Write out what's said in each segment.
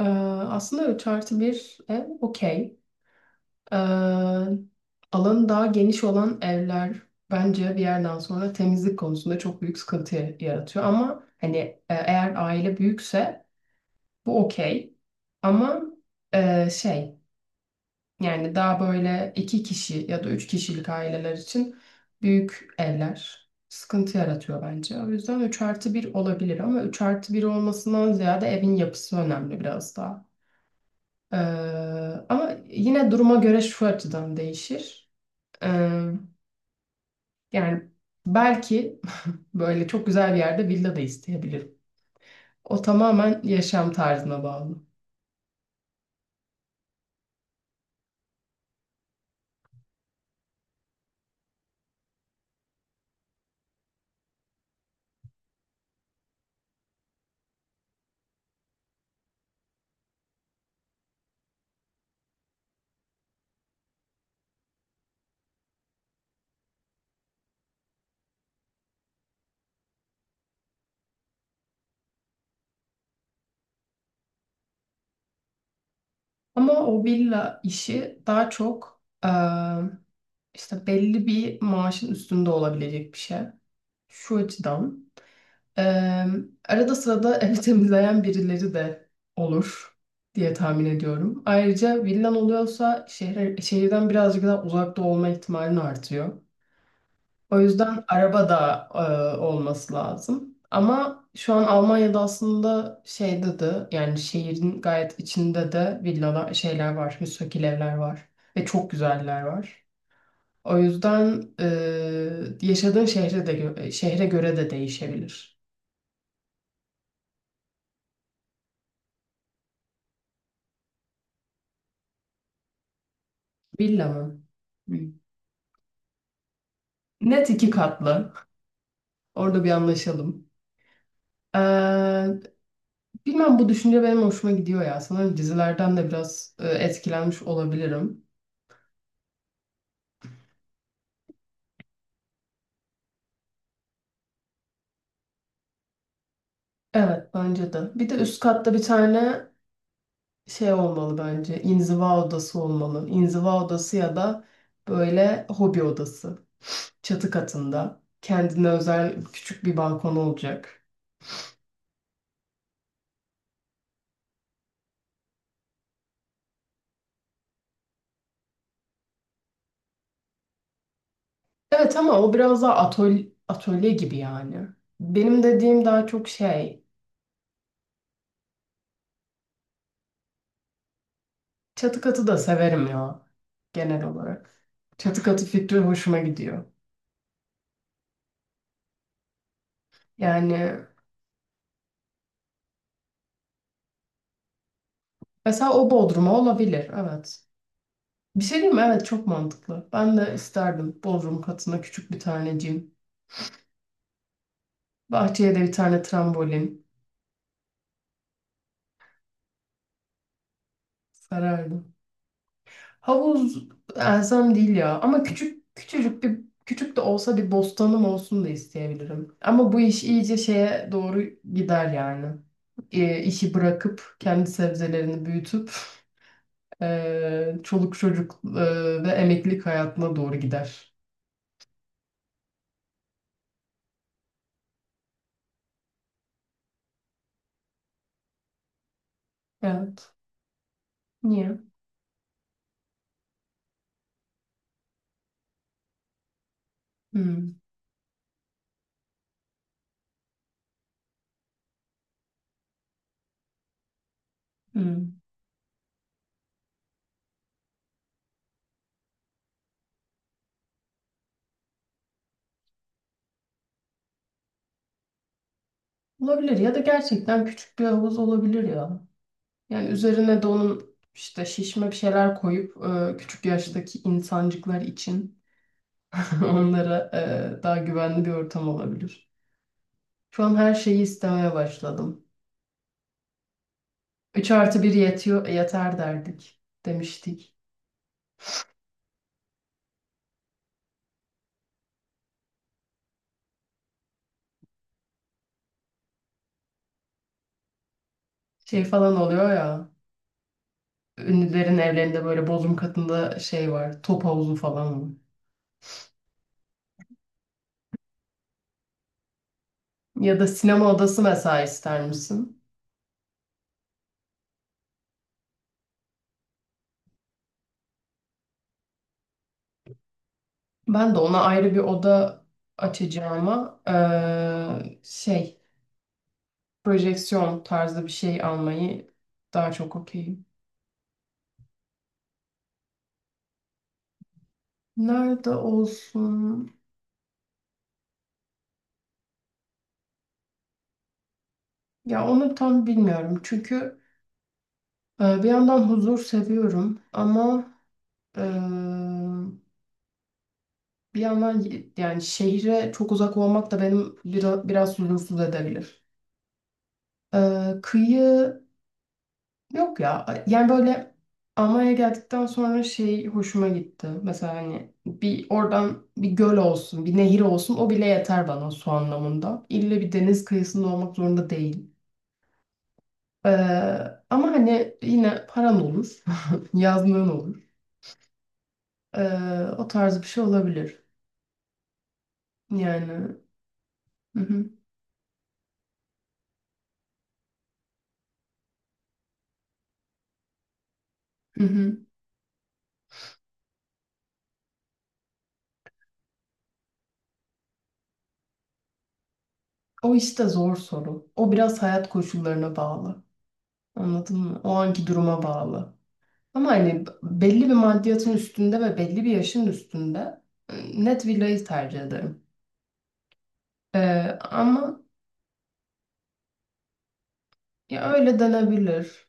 Ee, Aslında 3 artı 1 ev okey. Ee, Alanı daha geniş olan evler bence bir yerden sonra temizlik konusunda çok büyük sıkıntı yaratıyor. Ama hani eğer aile büyükse bu okey. Ama e, şey yani daha böyle 2 kişi ya da 3 kişilik aileler için büyük evler sıkıntı yaratıyor bence. O yüzden 3 artı 1 olabilir ama 3 artı 1 olmasından ziyade evin yapısı önemli biraz daha. Ee, Ama yine duruma göre şu açıdan değişir. Ee, Yani belki böyle çok güzel bir yerde villa da isteyebilirim. O tamamen yaşam tarzına bağlı. Ama o villa işi daha çok işte belli bir maaşın üstünde olabilecek bir şey. Şu açıdan. Eee, Arada sırada evi temizleyen birileri de olur diye tahmin ediyorum. Ayrıca villan oluyorsa şehirden birazcık daha uzakta olma ihtimalin artıyor. O yüzden araba da olması lazım. Ama şu an Almanya'da aslında şeyde de yani şehrin gayet içinde de villalar şeyler var, müstakil evler var ve çok güzeller var. O yüzden yaşadığın şehre de şehre göre de değişebilir. Villa mı? Hı. Net iki katlı. Orada bir anlaşalım. Ee, Bilmem bu düşünce benim hoşuma gidiyor ya. Sanırım dizilerden de biraz etkilenmiş olabilirim. Evet, bence de. Bir de üst katta bir tane şey olmalı bence. İnziva odası olmalı. İnziva odası ya da böyle hobi odası. Çatı katında. Kendine özel küçük bir balkon olacak. Evet, ama o biraz daha atölye, atölye gibi yani. Benim dediğim daha çok şey. Çatı katı da severim ya genel olarak. Çatı katı fikri hoşuma gidiyor. Yani mesela o Bodrum'a olabilir, evet. Bir şey diyeyim mi? Evet, çok mantıklı. Ben de isterdim Bodrum katına küçük bir tane cim. Bahçeye de bir tane trambolin sarardım. Havuz elzem değil ya ama küçük de olsa bir bostanım olsun da isteyebilirim. Ama bu iş iyice şeye doğru gider yani. İşi bırakıp kendi sebzelerini büyütüp çoluk çocuk ve emeklilik hayatına doğru gider. Evet. Niye? Hmm, hmm. Olabilir ya da gerçekten küçük bir havuz olabilir ya. Yani üzerine de onun işte şişme bir şeyler koyup küçük yaştaki insancıklar için onlara daha güvenli bir ortam olabilir. Şu an her şeyi istemeye başladım. 3 artı bir yetiyor, yeter derdik demiştik. Şey falan oluyor ya. Ünlülerin evlerinde böyle bodrum katında şey var. Top havuzu falan var. Ya da sinema odası mesela ister misin? Ben de ona ayrı bir oda açacağıma projeksiyon tarzı bir şey almayı daha çok okeyim. Nerede olsun? Ya onu tam bilmiyorum. Çünkü bir yandan huzur seviyorum ama eee, bir yandan yani şehre çok uzak olmak da benim biraz huzursuz edebilir. Kıyı Yok ya, yani böyle Almanya'ya geldikten sonra şey hoşuma gitti. Mesela hani bir oradan bir göl olsun, bir nehir olsun, o bile yeter bana su anlamında. İlle bir deniz kıyısında olmak zorunda değil. Ee, Ama hani yine paran olur, yazlığın olur. Ee, O tarz bir şey olabilir. Yani hı hı, hı hı. O işte zor soru. O biraz hayat koşullarına bağlı. Anladın mı? O anki duruma bağlı. Ama hani belli bir maddiyatın üstünde ve belli bir yaşın üstünde net villayı tercih ederim. Ama ya öyle denebilir.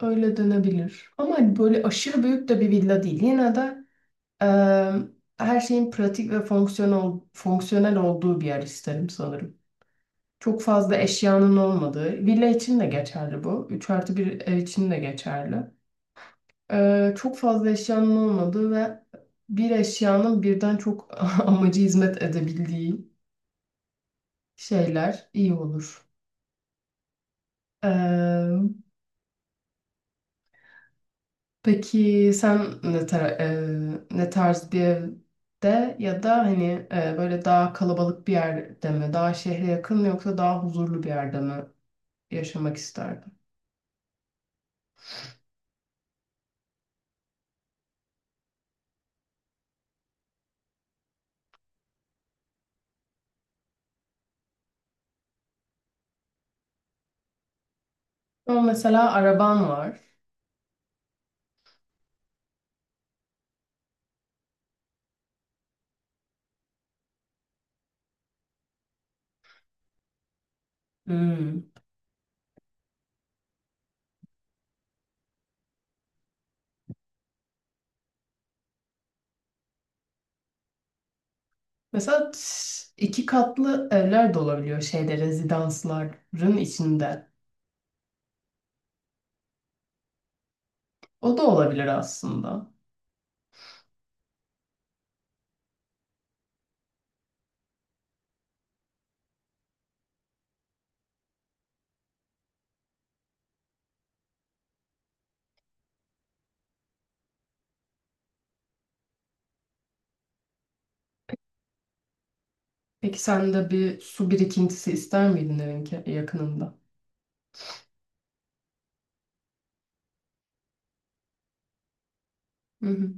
Öyle denebilir. Ama hani böyle aşırı büyük de bir villa değil. Yine de e, her şeyin pratik ve fonksiyonel olduğu bir yer isterim sanırım. Çok fazla eşyanın olmadığı. Villa için de geçerli bu. 3 artı bir ev için de geçerli. Çok fazla eşyanın olmadığı ve bir eşyanın birden çok amacı hizmet edebildiği şeyler iyi olur. Ee, peki sen ne tarz bir evde ya da hani böyle daha kalabalık bir yerde mi, daha şehre yakın mı, yoksa daha huzurlu bir yerde mi yaşamak isterdin? Ama mesela araban var. Hmm. Mesela iki katlı evler de olabiliyor şeyde rezidansların içinde. O da olabilir aslında. Peki sen de bir su birikintisi ister miydin evin yakınında? Hı hı.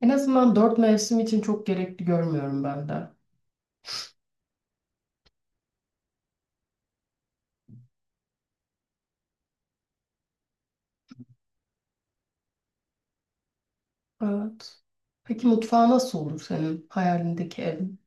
En azından dört mevsim için çok gerekli görmüyorum ben de. Evet. Peki mutfağı nasıl olur senin hayalindeki evin?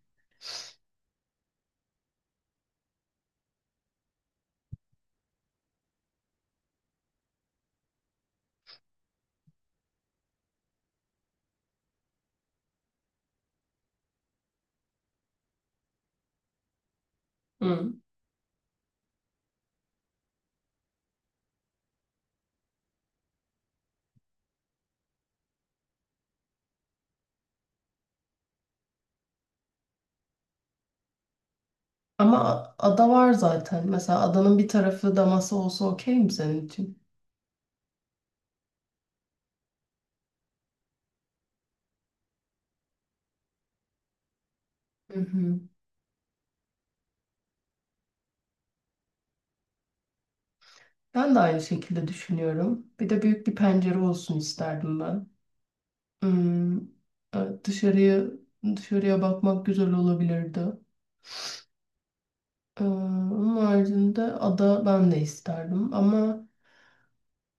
Hı. Ama ada var zaten. Mesela adanın bir tarafı da masa olsa okey mi senin için? Hı hı. Ben de aynı şekilde düşünüyorum. Bir de büyük bir pencere olsun isterdim ben. Hmm, evet, dışarıya bakmak güzel olabilirdi. Onun haricinde ada ben de isterdim ama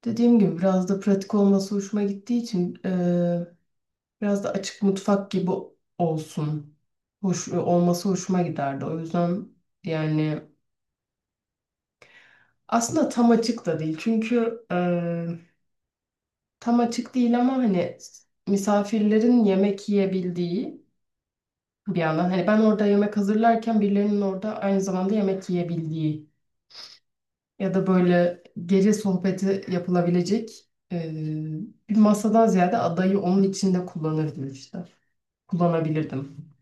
dediğim gibi biraz da pratik olması hoşuma gittiği için biraz da açık mutfak gibi olsun. Hoş, olması hoşuma giderdi. O yüzden yani aslında tam açık da değil. Çünkü tam açık değil ama hani misafirlerin yemek yiyebildiği, bir yandan hani ben orada yemek hazırlarken birilerinin orada aynı zamanda yemek yiyebildiği ya da böyle gece sohbeti yapılabilecek bir masadan ziyade adayı onun içinde kullanırdım işte. Kullanabilirdim.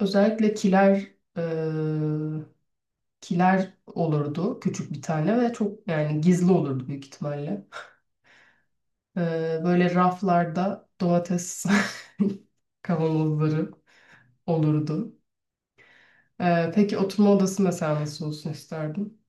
Özellikle e, kiler olurdu küçük bir tane ve çok yani gizli olurdu büyük ihtimalle. E, Böyle raflarda domates kavanozları olurdu. Peki oturma odası mesela nasıl olsun isterdin?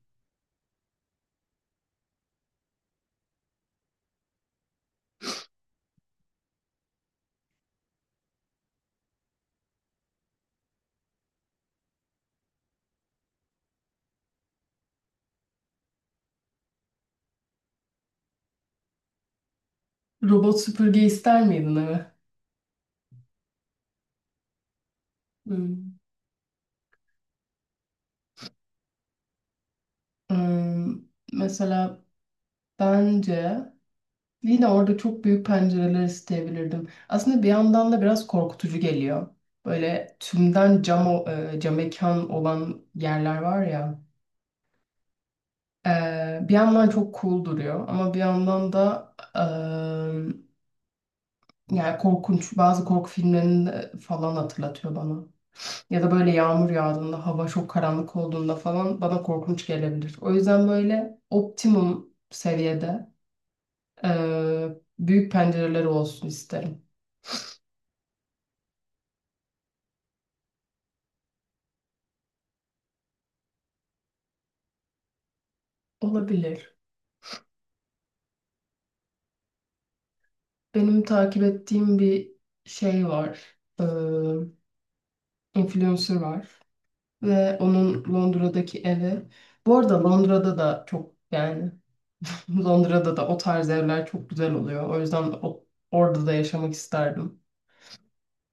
Robot süpürge ister miydin eve? Hmm. Hmm. Mesela Bence yine orada çok büyük pencereler isteyebilirdim. Aslında bir yandan da biraz korkutucu geliyor. Böyle tümden cam, cam mekan olan yerler var ya. Bir yandan çok cool duruyor ama bir yandan da yani korkunç bazı korku filmlerini de falan hatırlatıyor bana. Ya da böyle yağmur yağdığında, hava çok karanlık olduğunda falan bana korkunç gelebilir. O yüzden böyle optimum seviyede e, büyük pencereleri olsun isterim. Olabilir. Benim takip ettiğim bir şey var. Influencer var. Ve onun Londra'daki evi. Bu arada Londra'da da çok yani Londra'da da o tarz evler çok güzel oluyor. O yüzden orada da yaşamak isterdim.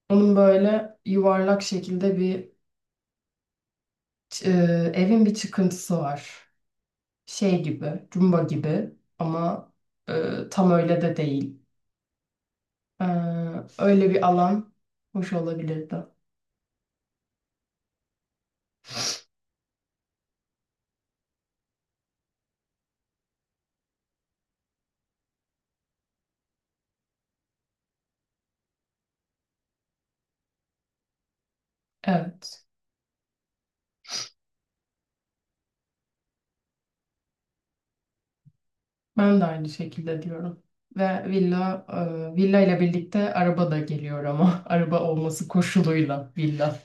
Onun böyle yuvarlak şekilde bir ç- evin bir çıkıntısı var. Şey gibi, cumba gibi ama tam öyle de değil. Ee, Öyle bir alan hoş olabilirdi. Evet. Ben de aynı şekilde diyorum. Ve villa ile birlikte araba da geliyor ama araba olması koşuluyla villa.